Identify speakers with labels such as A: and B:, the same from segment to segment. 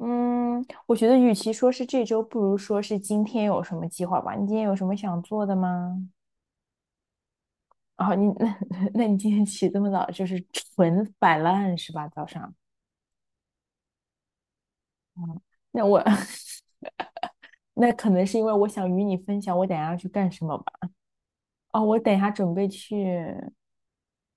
A: 嗯，我觉得与其说是这周，不如说是今天有什么计划吧。你今天有什么想做的吗？哦，你 那你今天起这么早，就是纯摆烂是吧？早上，那我 那可能是因为我想与你分享我等一下要去干什么吧。哦，我等一下准备去，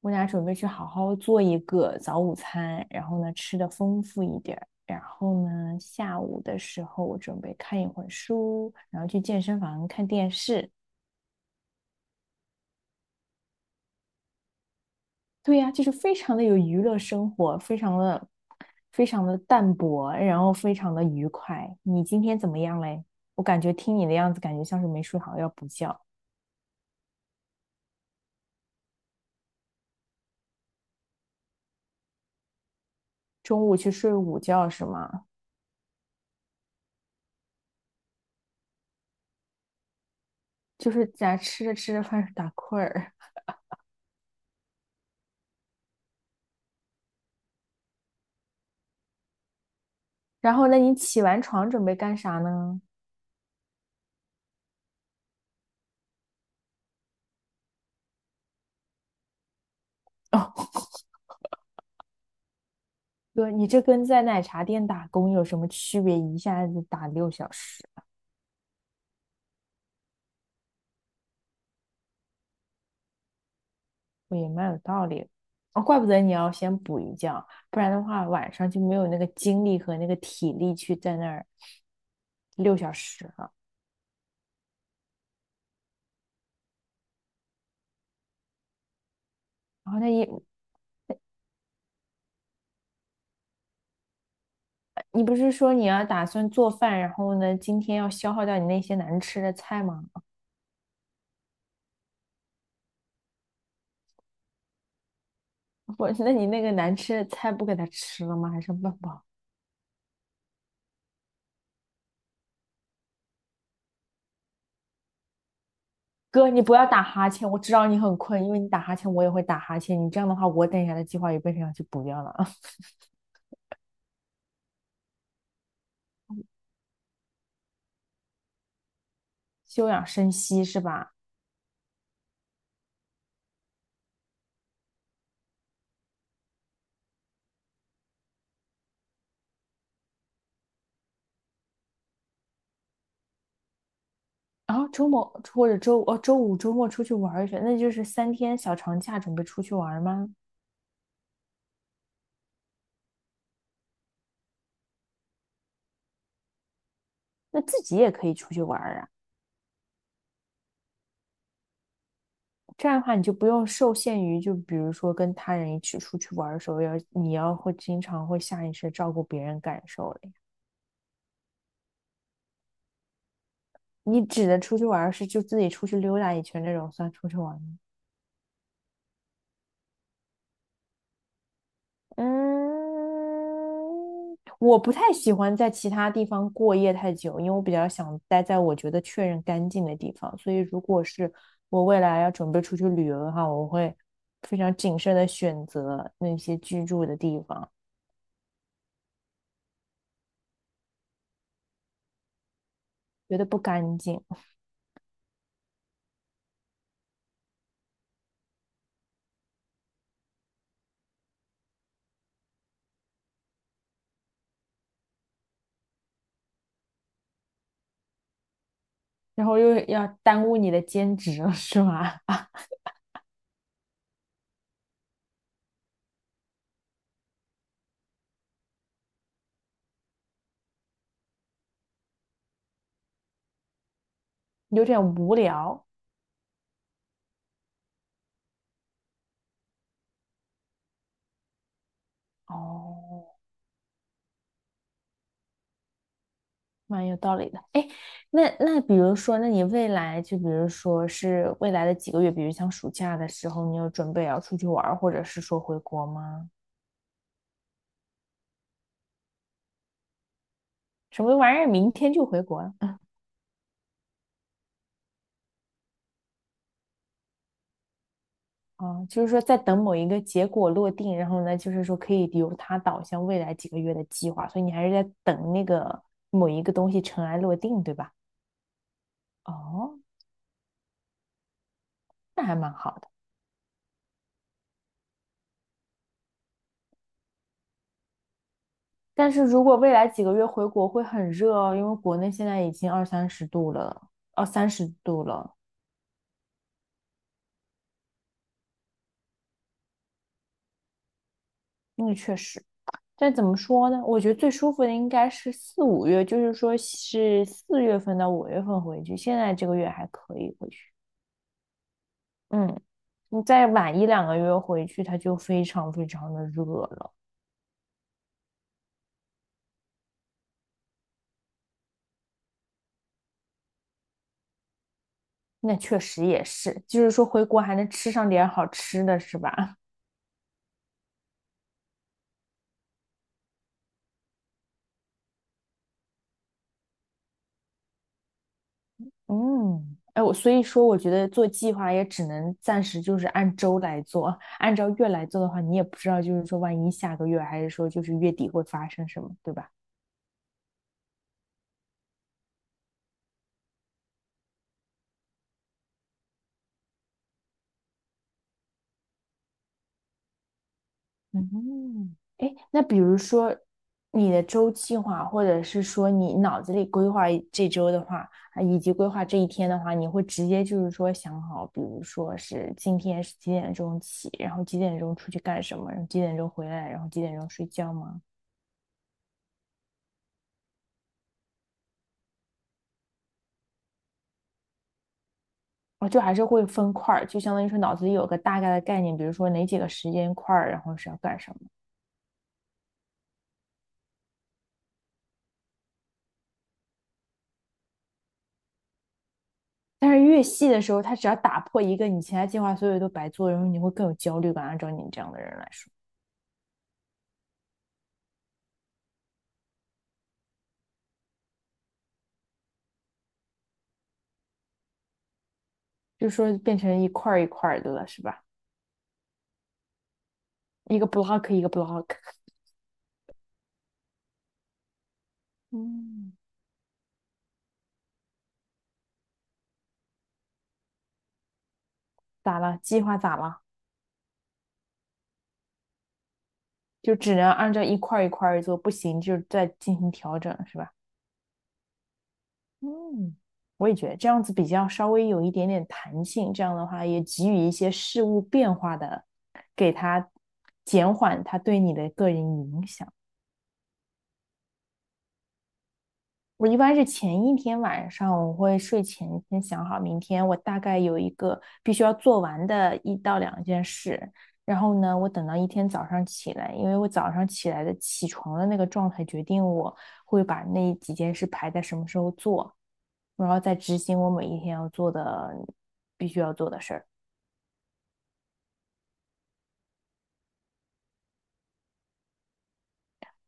A: 我等一下准备去好好做一个早午餐，然后呢吃的丰富一点儿，然后呢下午的时候我准备看一会儿书，然后去健身房看电视，对呀，就是非常的有娱乐生活，非常的淡泊，然后非常的愉快。你今天怎么样嘞？我感觉听你的样子，感觉像是没睡好，要补觉。中午去睡午觉是吗？就是在吃着吃着饭打困儿，然后呢，你起完床准备干啥呢？哦，哥，你这跟在奶茶店打工有什么区别？一下子打六小时。我也蛮有道理的。哦，怪不得你要先补一觉，不然的话晚上就没有那个精力和那个体力去在那儿六小时了。然后那一，你不是说你要打算做饭，然后呢，今天要消耗掉你那些难吃的菜吗？不，那你那个难吃的菜不给他吃了吗？还剩半包？哥，你不要打哈欠，我知道你很困，因为你打哈欠，我也会打哈欠。你这样的话，我等一下的计划也变成要去补掉了。休养生息是吧？然后周末或者周五周末出去玩儿一圈，那就是3天小长假，准备出去玩吗？那自己也可以出去玩儿啊，这样的话你就不用受限于，就比如说跟他人一起出去玩的时候，你会经常会下意识照顾别人感受了呀。你指的出去玩是就自己出去溜达一圈这种算出去玩吗？嗯，我不太喜欢在其他地方过夜太久，因为我比较想待在我觉得确认干净的地方。所以，如果是我未来要准备出去旅游的话，我会非常谨慎的选择那些居住的地方，觉得不干净，然后又要耽误你的兼职了，是吧？有点无聊。哦，蛮有道理的。哎，那比如说，那你未来就比如说是未来的几个月，比如像暑假的时候，你有准备要出去玩儿，或者是说回国吗？什么玩意儿？明天就回国了？哦，就是说在等某一个结果落定，然后呢，就是说可以由它导向未来几个月的计划，所以你还是在等那个某一个东西尘埃落定，对吧？哦，那还蛮好的。但是如果未来几个月回国会很热哦，因为国内现在已经二三十度了，二三十度了。那确实，但怎么说呢？我觉得最舒服的应该是四五月，就是说是四月份到五月份回去。现在这个月还可以回去，嗯，你再晚1到2个月回去，它就非常非常的热了。那确实也是，就是说回国还能吃上点好吃的，是吧？嗯，哎，我所以说，我觉得做计划也只能暂时就是按周来做，按照月来做的话，你也不知道，就是说万一下个月还是说就是月底会发生什么，对吧？嗯，哎，那比如说你的周计划，或者是说你脑子里规划一这周的话，啊以及规划这一天的话，你会直接就是说想好，比如说是今天是几点钟起，然后几点钟出去干什么，然后几点钟回来，然后几点钟睡觉吗？哦，就还是会分块儿，就相当于说脑子里有个大概的概念，比如说哪几个时间块儿，然后是要干什么。但是越细的时候，他只要打破一个你其他计划，所有都白做，然后你会更有焦虑感。按照你这样的人来说。就说变成一块儿一块儿的了，是吧？一个 block 一个 block，嗯，咋了？计划咋了？就只能按照一块一块做，不行就再进行调整，是吧？嗯，我也觉得这样子比较稍微有一点点弹性，这样的话也给予一些事物变化的，给它减缓它对你的个人影响。我一般是前一天晚上，我会睡前先想好明天我大概有一个必须要做完的1到2件事，然后呢，我等到一天早上起来，因为我早上起来的起床的那个状态决定我会把那几件事排在什么时候做，然后再执行我每一天要做的必须要做的事儿。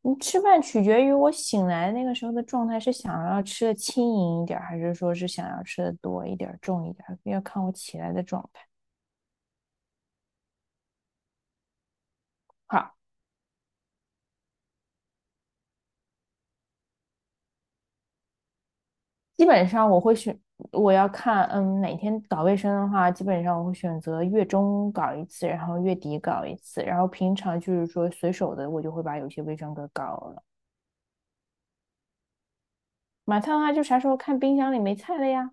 A: 嗯，吃饭取决于我醒来那个时候的状态，是想要吃的轻盈一点儿，还是说是想要吃的多一点儿、重一点儿，要看我起来的状态。好。基本上我会选，我要看，嗯，哪天搞卫生的话，基本上我会选择月中搞一次，然后月底搞一次，然后平常就是说随手的，我就会把有些卫生给搞了。买菜的话，就啥时候看冰箱里没菜了呀？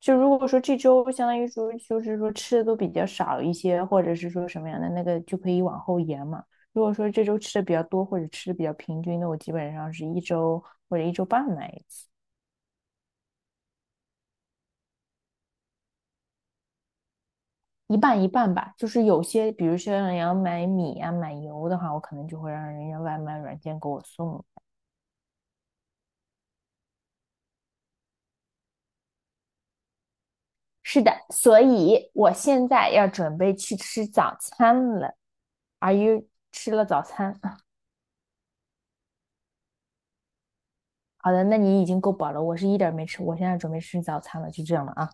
A: 就如果说这周相当于说就是说吃的都比较少一些，或者是说什么样的那个就可以往后延嘛。如果说这周吃的比较多，或者吃的比较平均的，那我基本上是一周或者1周半买一次。一半一半吧，就是有些，比如说你要买米啊、买油的话，我可能就会让人家外卖软件给我送。是的，所以我现在要准备去吃早餐了。Are you 吃了早餐？好的，那你已经够饱了，我是一点没吃，我现在准备吃早餐了，就这样了啊。